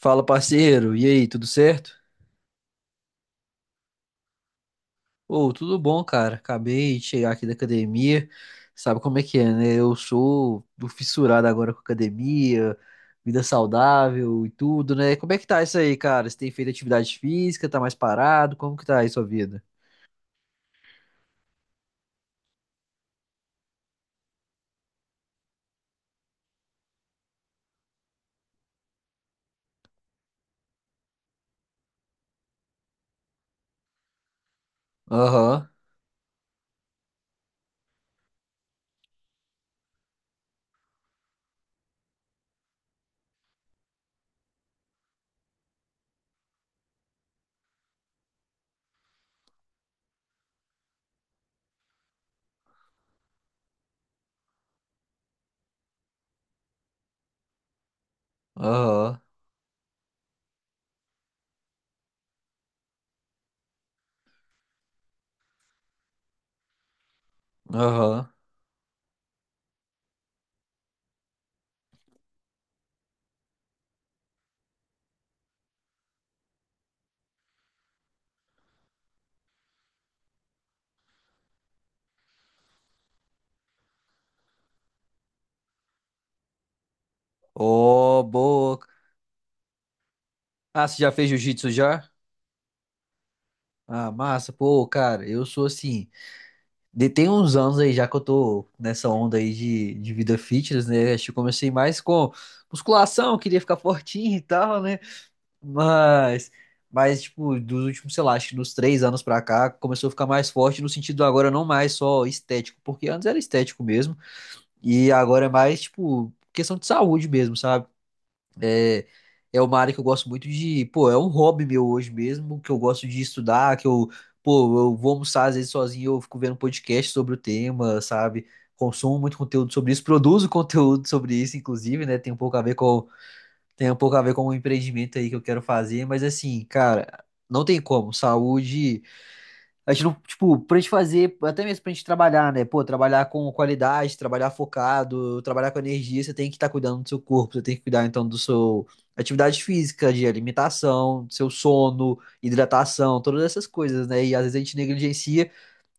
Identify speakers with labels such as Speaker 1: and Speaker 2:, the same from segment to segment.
Speaker 1: Fala, parceiro. E aí, tudo certo? Ô, tudo bom, cara. Acabei de chegar aqui da academia. Sabe como é que é, né? Eu sou do fissurado agora com academia, vida saudável e tudo, né? Como é que tá isso aí, cara? Você tem feito atividade física? Tá mais parado? Como que tá aí sua vida? Aham, aham, aham. Ô, boa. Ah, você já fez jiu-jitsu já? Ah, massa. Pô, cara, eu sou assim. Tem uns anos aí já que eu tô nessa onda aí de vida fitness, né? Acho que eu comecei mais com musculação, queria ficar fortinho e tal, né? Mas, mas tipo, dos últimos, sei lá, acho que dos três anos pra cá, começou a ficar mais forte no sentido agora não mais só estético, porque antes era estético mesmo, e agora é mais, tipo, questão de saúde mesmo, sabe? É, é uma área que eu gosto muito de. Pô, é um hobby meu hoje mesmo, que eu gosto de estudar, que eu. Pô, eu vou almoçar às vezes sozinho, eu fico vendo podcast sobre o tema, sabe? Consumo muito conteúdo sobre isso, produzo conteúdo sobre isso, inclusive, né? Tem um pouco a ver com, tem um pouco a ver com o empreendimento aí que eu quero fazer, mas assim, cara, não tem como. Saúde. A gente não, tipo, pra gente fazer, até mesmo pra gente trabalhar, né? Pô, trabalhar com qualidade, trabalhar focado, trabalhar com energia, você tem que estar cuidando do seu corpo, você tem que cuidar então do seu atividade física, de alimentação, do seu sono, hidratação, todas essas coisas, né? E às vezes a gente negligencia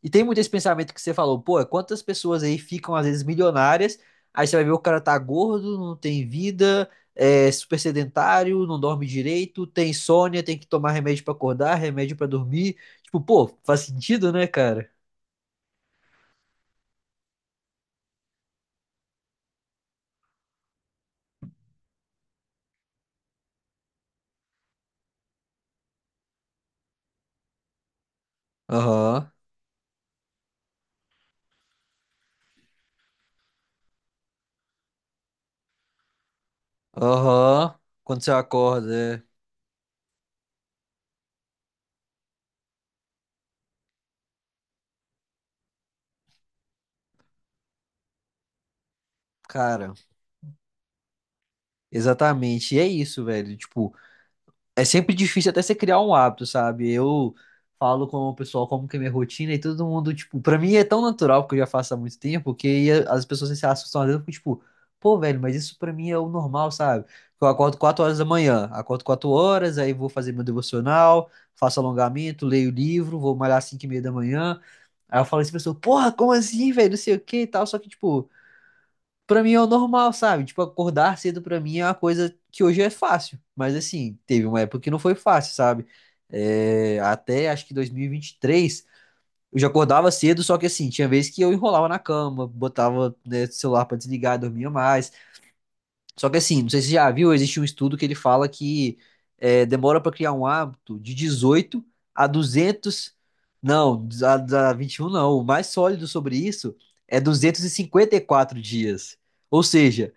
Speaker 1: e tem muito esse pensamento que você falou, pô, quantas pessoas aí ficam às vezes milionárias, aí você vai ver o cara tá gordo, não tem vida, é super sedentário, não dorme direito, tem insônia, tem que tomar remédio pra acordar, remédio pra dormir. Tipo, pô, faz sentido, né, cara? Aham, aham. Quando você acorda, é. Cara, exatamente. E é isso, velho. Tipo, é sempre difícil até você criar um hábito, sabe? Eu falo com o pessoal como que é minha rotina e todo mundo, tipo, pra mim é tão natural, porque eu já faço há muito tempo, que as pessoas se assustam às vezes, eu fico tipo, pô, velho, mas isso pra mim é o normal, sabe? Eu acordo 4 horas da manhã, acordo 4 horas, aí vou fazer meu devocional, faço alongamento, leio livro, vou malhar às 5 e meia da manhã. Aí eu falo assim pra pessoa, porra, como assim, velho? Não sei o que e tal, só que, tipo. Pra mim é o normal, sabe? Tipo, acordar cedo pra mim é uma coisa que hoje é fácil. Mas assim, teve uma época que não foi fácil, sabe? É, até acho que dois mil e vinte e três eu já acordava cedo, só que assim, tinha vezes que eu enrolava na cama, botava, né, o celular pra desligar, dormia mais. Só que assim, não sei se você já viu, existe um estudo que ele fala que é, demora pra criar um hábito de 18 a 200 não, a 21 não. O mais sólido sobre isso é duzentos e cinquenta e quatro dias. Ou seja,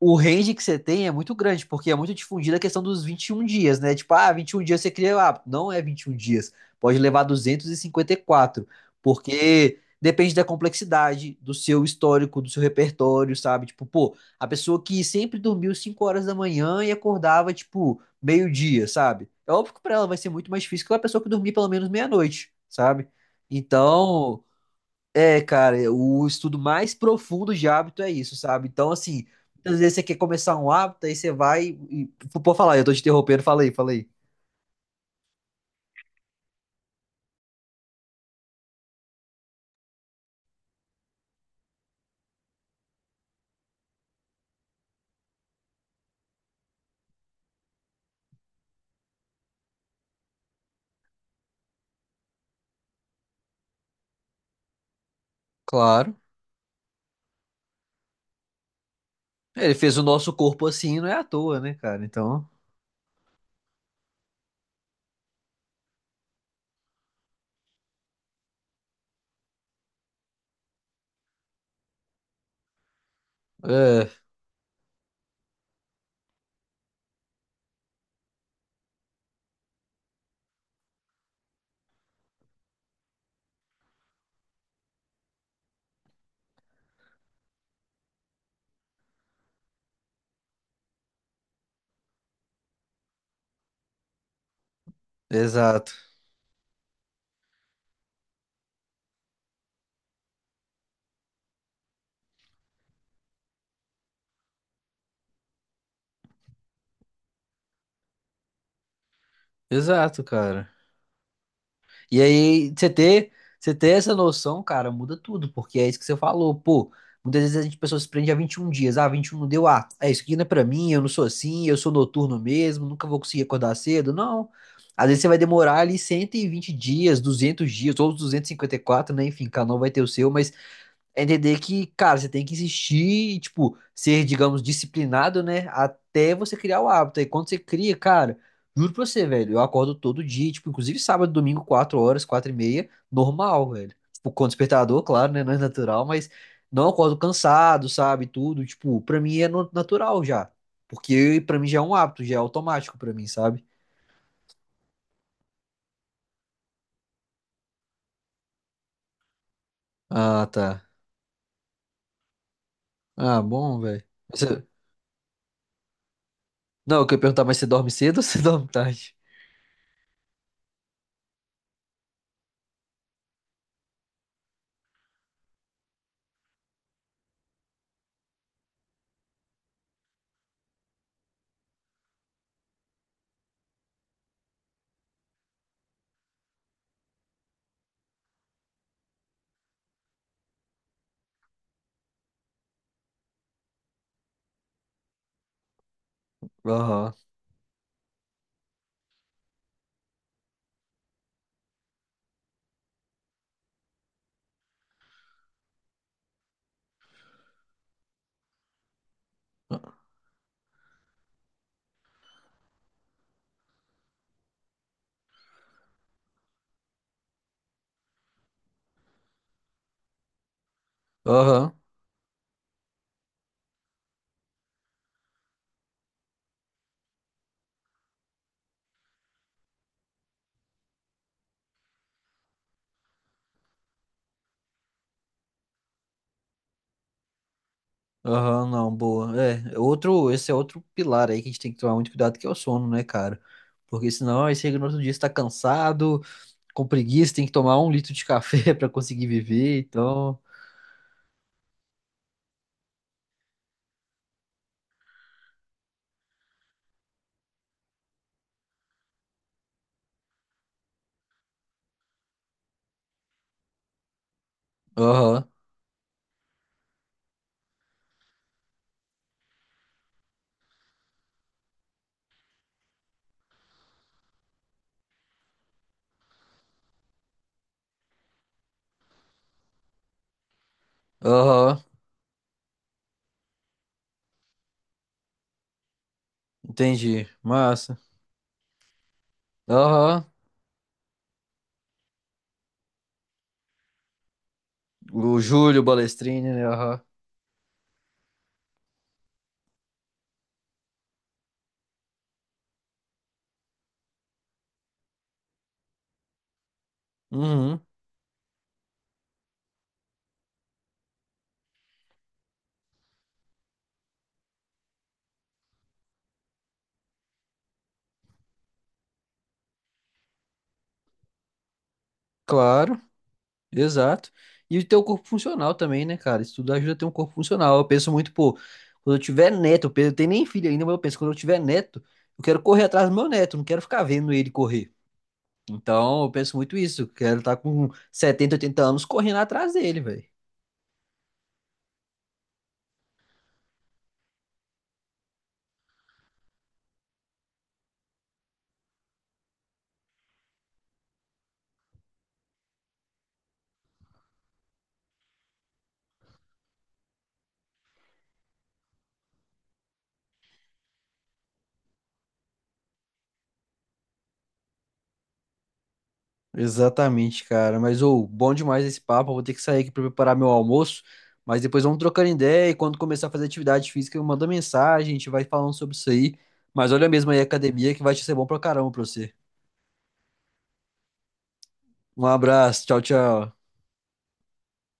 Speaker 1: o range que você tem é muito grande, porque é muito difundida a questão dos 21 dias, né? Tipo, ah, 21 dias você cria o hábito. Não é 21 dias. Pode levar duzentos e cinquenta e quatro, porque depende da complexidade, do seu histórico, do seu repertório, sabe? Tipo, pô, a pessoa que sempre dormiu 5 horas da manhã e acordava, tipo, meio-dia, sabe? É óbvio que pra ela vai ser muito mais difícil que a pessoa que dormir pelo menos meia-noite, sabe? Então. É, cara, é, o estudo mais profundo de hábito é isso, sabe? Então, assim, muitas vezes você quer começar um hábito, aí você vai e... Pô, falar, eu tô te interrompendo, falei, falei. Claro. Ele fez o nosso corpo assim, não é à toa, né, cara? Então, é, exato. Exato, cara. E aí, você ter essa noção, cara, muda tudo, porque é isso que você falou, pô. Muitas vezes a gente, pessoa se prende a 21 dias. Ah, 21 não deu, ah, é isso aqui não é pra mim, eu não sou assim, eu sou noturno mesmo, nunca vou conseguir acordar cedo. Não. Às vezes você vai demorar ali 120 dias, 200 dias, ou os 254 né? Enfim, cada um vai ter o seu, mas é entender que, cara, você tem que insistir e, tipo, ser, digamos, disciplinado, né? Até você criar o hábito. E quando você cria, cara, juro pra você, velho, eu acordo todo dia, tipo, inclusive sábado, domingo, 4 horas, 4 e meia, normal, velho. Tipo, com despertador, claro, né? Não é natural, mas não acordo cansado, sabe? Tudo, tipo, pra mim é natural já. Porque pra mim já é um hábito, já é automático pra mim, sabe? Ah, tá. Ah, bom, velho. Você- Não, eu queria perguntar, mas você dorme cedo ou você dorme tarde? Aham. Aham. Aham, não, boa. É, outro, esse é outro pilar aí que a gente tem que tomar muito cuidado, que é o sono, né, cara? Porque senão aí chega no outro dia, você tá cansado, com preguiça, tem que tomar um litro de café pra conseguir viver, então... Aham, aham, entendi. Massa. Aham, o Júlio Balestrini, né, aham. Uhum, claro. Exato. E ter o corpo funcional também, né, cara? Isso tudo ajuda a ter um corpo funcional. Eu penso muito, pô, quando eu tiver neto, eu tenho nem filho ainda, mas eu penso, quando eu tiver neto, eu quero correr atrás do meu neto, eu não quero ficar vendo ele correr. Então, eu penso muito isso. eu Quero estar com 70 80 anos correndo atrás dele, velho. Exatamente, cara. Mas, ô, bom demais esse papo. Eu vou ter que sair aqui pra preparar meu almoço. Mas depois vamos trocando ideia e quando começar a fazer atividade física, eu mando mensagem, a gente vai falando sobre isso aí. Mas olha mesmo aí a academia que vai te ser bom pra caramba pra você. Um abraço, tchau, tchau.